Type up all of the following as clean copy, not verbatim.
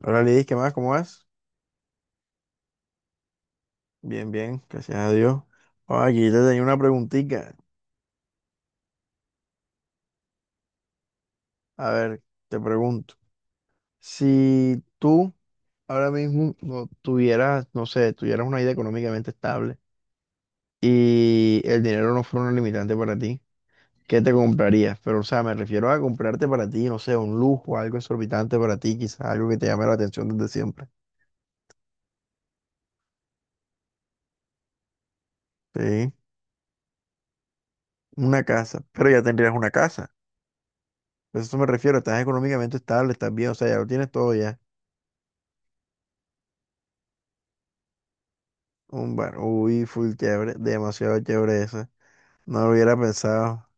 Hola Lidis, ¿qué más? ¿Cómo vas? Bien, bien, gracias a Dios. Ah, aquí te tenía una preguntita. A ver, te pregunto. Si tú ahora mismo no tuvieras, no sé, tuvieras una vida económicamente estable y el dinero no fuera un limitante para ti, ¿qué te comprarías? Pero, o sea, me refiero a comprarte para ti, no sé, un lujo, algo exorbitante para ti, quizás algo que te llame la atención desde siempre. Sí, una casa, pero ya tendrías una casa. Pues a eso me refiero, estás económicamente estable, estás bien, o sea, ya lo tienes todo ya. Un bar. Uy, full chévere. Demasiado chévere esa. No lo hubiera pensado.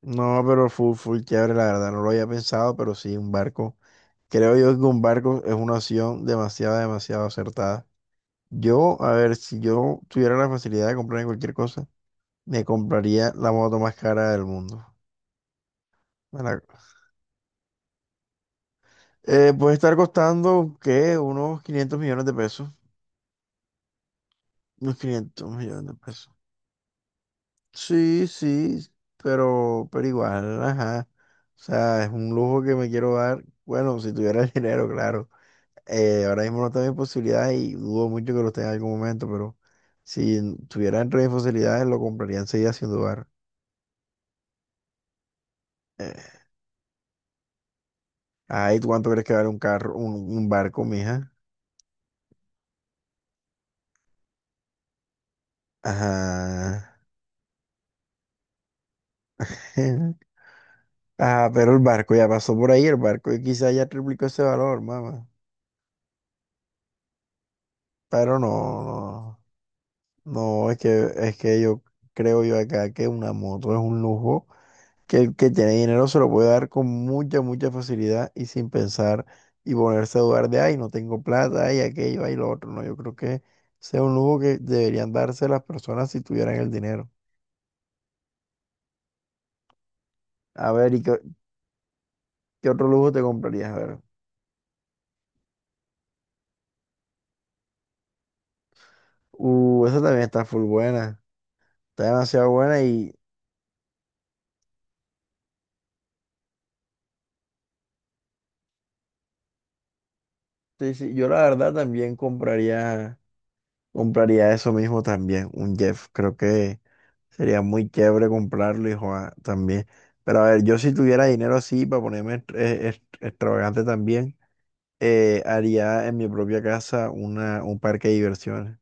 No, pero full, full chévere, la verdad. No lo había pensado, pero sí, un barco. Creo yo que un barco es una opción demasiado, demasiado acertada. Yo, a ver, si yo tuviera la facilidad de comprarme cualquier cosa, me compraría la moto más cara del mundo. Me la- Puede estar costando, ¿qué? Unos 500 millones de pesos. Unos 500 millones de pesos. Sí, sí, pero igual, ajá. O sea, es un lujo que me quiero dar. Bueno, si tuviera el dinero, claro. Ahora mismo no tengo mis posibilidades y dudo mucho que lo tenga en algún momento, pero si tuviera entre mis posibilidades, lo compraría enseguida sin dudar. Eh, Ay, ¿tú ¿cuánto crees que vale un carro, un barco, mija? Ajá. Ah, pero el barco ya pasó por ahí, el barco y quizá ya triplicó ese valor, mamá. Pero no, no. No, es que yo creo yo acá que una moto es un lujo que el que tiene dinero se lo puede dar con mucha, mucha facilidad y sin pensar y ponerse a dudar de, ay, no tengo plata, ay, aquello, ay, lo otro. No, yo creo que sea un lujo que deberían darse las personas si tuvieran el dinero. A ver, ¿y qué otro lujo te comprarías? A ver. Esa también está full buena. Está demasiado buena y sí, sí, yo la verdad también compraría, eso mismo también, un Jeff. Creo que... Sería muy chévere comprarlo, hijo, ah, también. Pero a ver, yo si tuviera dinero así para ponerme extravagante también, haría en mi propia casa un parque de diversiones.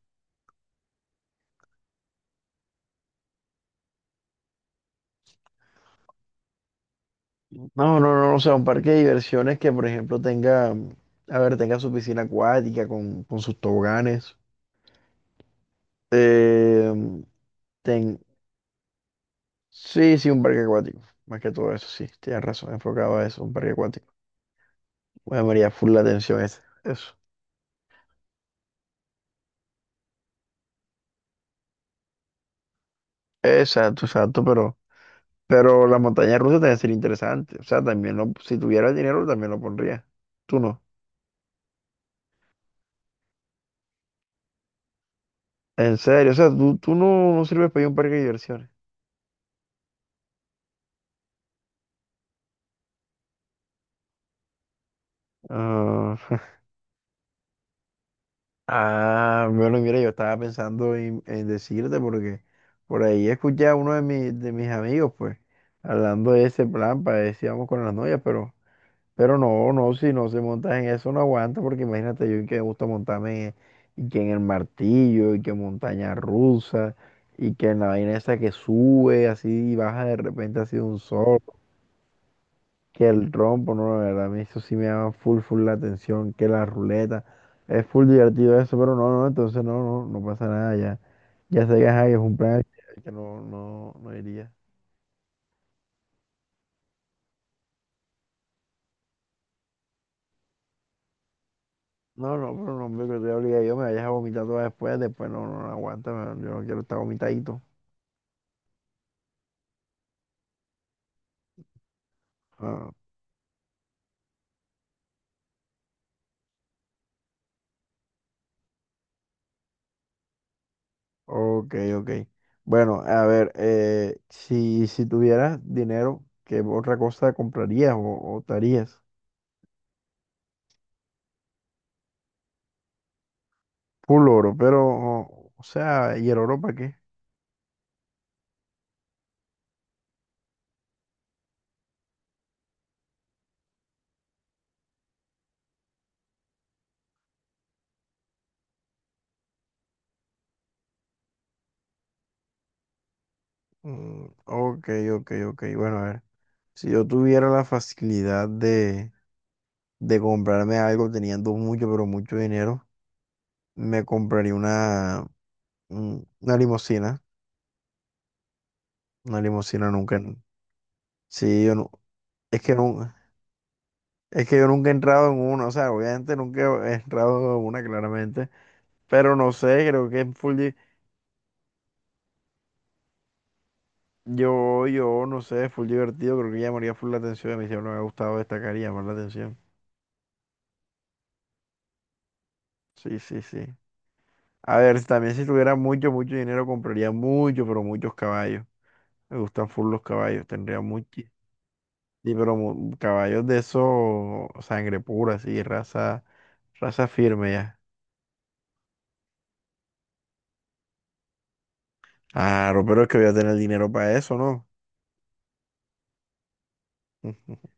No, no, no, o sea, un parque de diversiones que, por ejemplo, tenga, a ver, tenga su piscina acuática con, sus toboganes. Eh, ten... Sí, sí, un parque acuático. Más que todo eso, sí, tienes razón, enfocado a eso, un parque acuático. Bueno, me llamaría full la atención ese. Eso. Exacto, exacto, pero... Pero la montaña rusa también sería interesante. O sea, también lo, si tuviera el dinero, también lo pondría. Tú no. En serio, o sea, tú no, no sirves para ir a un parque de diversiones. Ah, ah, bueno, mira, yo estaba pensando en decirte porque por ahí escuché a uno de mis amigos, pues, hablando de ese plan para ver si vamos con las novias, pero no, no, si no se monta en eso, no aguanta, porque imagínate yo que me gusta montarme y que en el martillo, y que montaña rusa, y que en la vaina esa que sube así y baja de repente así de un sol, que el trompo, no, la verdad, a mí eso sí me llama full, full la atención, que la ruleta, es full divertido eso, pero no, no, entonces no, no, no pasa nada, ya, ya sé que ajá, que es un plan que no, no, no iría. No, no, pero no, hombre, que te obliga yo me vayas a vomitar todas después, no, no, no aguanta, yo no quiero estar vomitadito. Ah, ok, ok. Bueno, a ver, si tuvieras dinero, ¿qué otra cosa comprarías o te harías? Full oro, pero, o sea, ¿y el oro para qué? Mm, ok, ok, ok. Bueno, a ver, si yo tuviera la facilidad de comprarme algo teniendo mucho, pero mucho dinero, me compraría una limusina. Una limusina nunca. Sí, yo no. Es que no. Es que yo nunca he entrado en uno, o sea, obviamente nunca he entrado en una claramente, pero no sé, creo que es yo, no sé, es full divertido, creo que llamaría full la atención, a mí siempre me ha gustado destacar y llamar la atención. Sí, sí, sí. A ver, si también si tuviera mucho, mucho dinero, compraría mucho, pero muchos caballos. Me gustan full los caballos, tendría muchos, sí, caballos de esos, sangre pura, sí, raza firme ya. Claro, pero es que voy a tener dinero para eso, ¿no?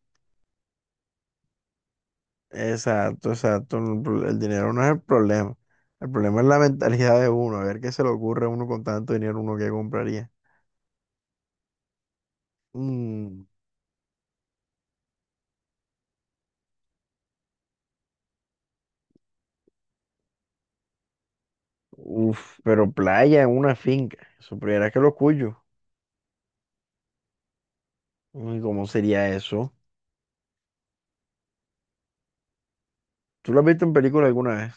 Exacto, exacto. El dinero no es el problema. El problema es la mentalidad de uno. A ver qué se le ocurre a uno con tanto dinero, uno que compraría. Mm, Uf, pero playa en una finca. Supieras que lo cuyo. Uy, ¿cómo sería eso? ¿Tú lo has visto en película alguna vez?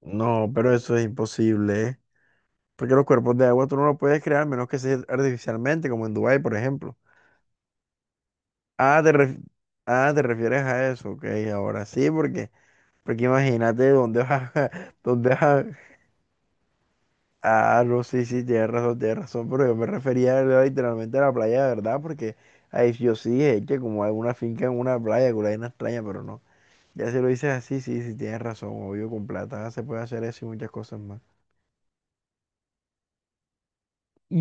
No, pero eso es imposible, ¿eh? Porque los cuerpos de agua tú no los puedes crear menos que sea artificialmente, como en Dubái, por ejemplo. Ah, te refieres a eso. Ok, ahora sí, porque, imagínate dónde vas ¿Dónde vas? Ah, no, sí, sí, tienes razón, pero yo me refería, ¿verdad? Literalmente a la playa, ¿verdad? Porque ahí yo sí es que como hay una finca en una playa, que hay una vaina extraña, pero no. Ya si lo dices así, sí, sí, tienes razón, obvio, con plata se puede hacer eso y muchas cosas más. Y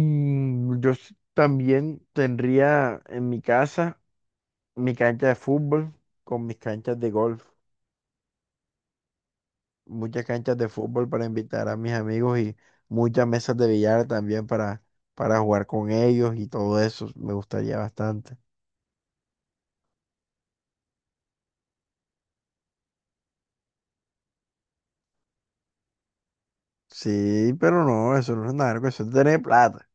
yo también tendría en mi casa mi cancha de fútbol con mis canchas de golf, muchas canchas de fútbol para invitar a mis amigos y muchas mesas de billar también para jugar con ellos y todo eso, me gustaría bastante. Sí, pero no, eso no es nada, eso es tener plata.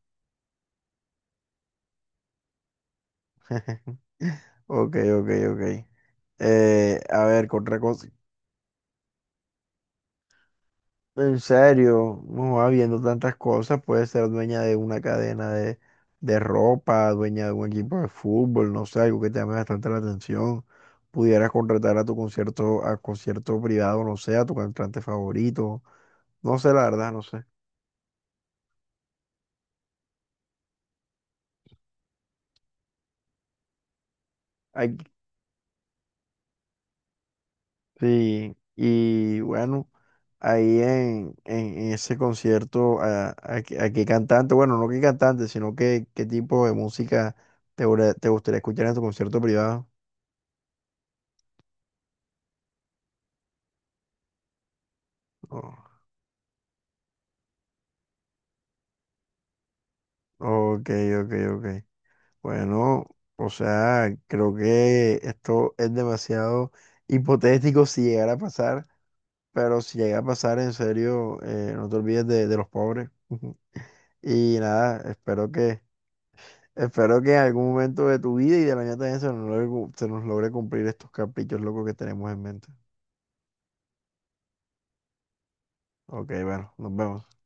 Ok, ok, ok. A ver, ¿qué otra cosa. En serio, no va viendo tantas cosas, puede ser dueña de una cadena de ropa, dueña de un equipo de fútbol, no sé, algo que te llame bastante la atención. Pudieras contratar a tu concierto, a concierto privado, no sé, a tu cantante favorito. No sé, la verdad, no sé. Ay, sí, y bueno, ahí en ese concierto a, a qué cantante, bueno, no qué cantante, sino qué tipo de música te gustaría escuchar en tu concierto privado. Oh, ok, ok, ok. Bueno, o sea, creo que esto es demasiado hipotético si llegara a pasar, pero si llega a pasar, en serio, no te olvides de los pobres. Y nada, espero que... Espero que en algún momento de tu vida y de la mía también se nos logre, se nos logre cumplir estos caprichos locos que tenemos en mente. Ok, bueno, nos vemos.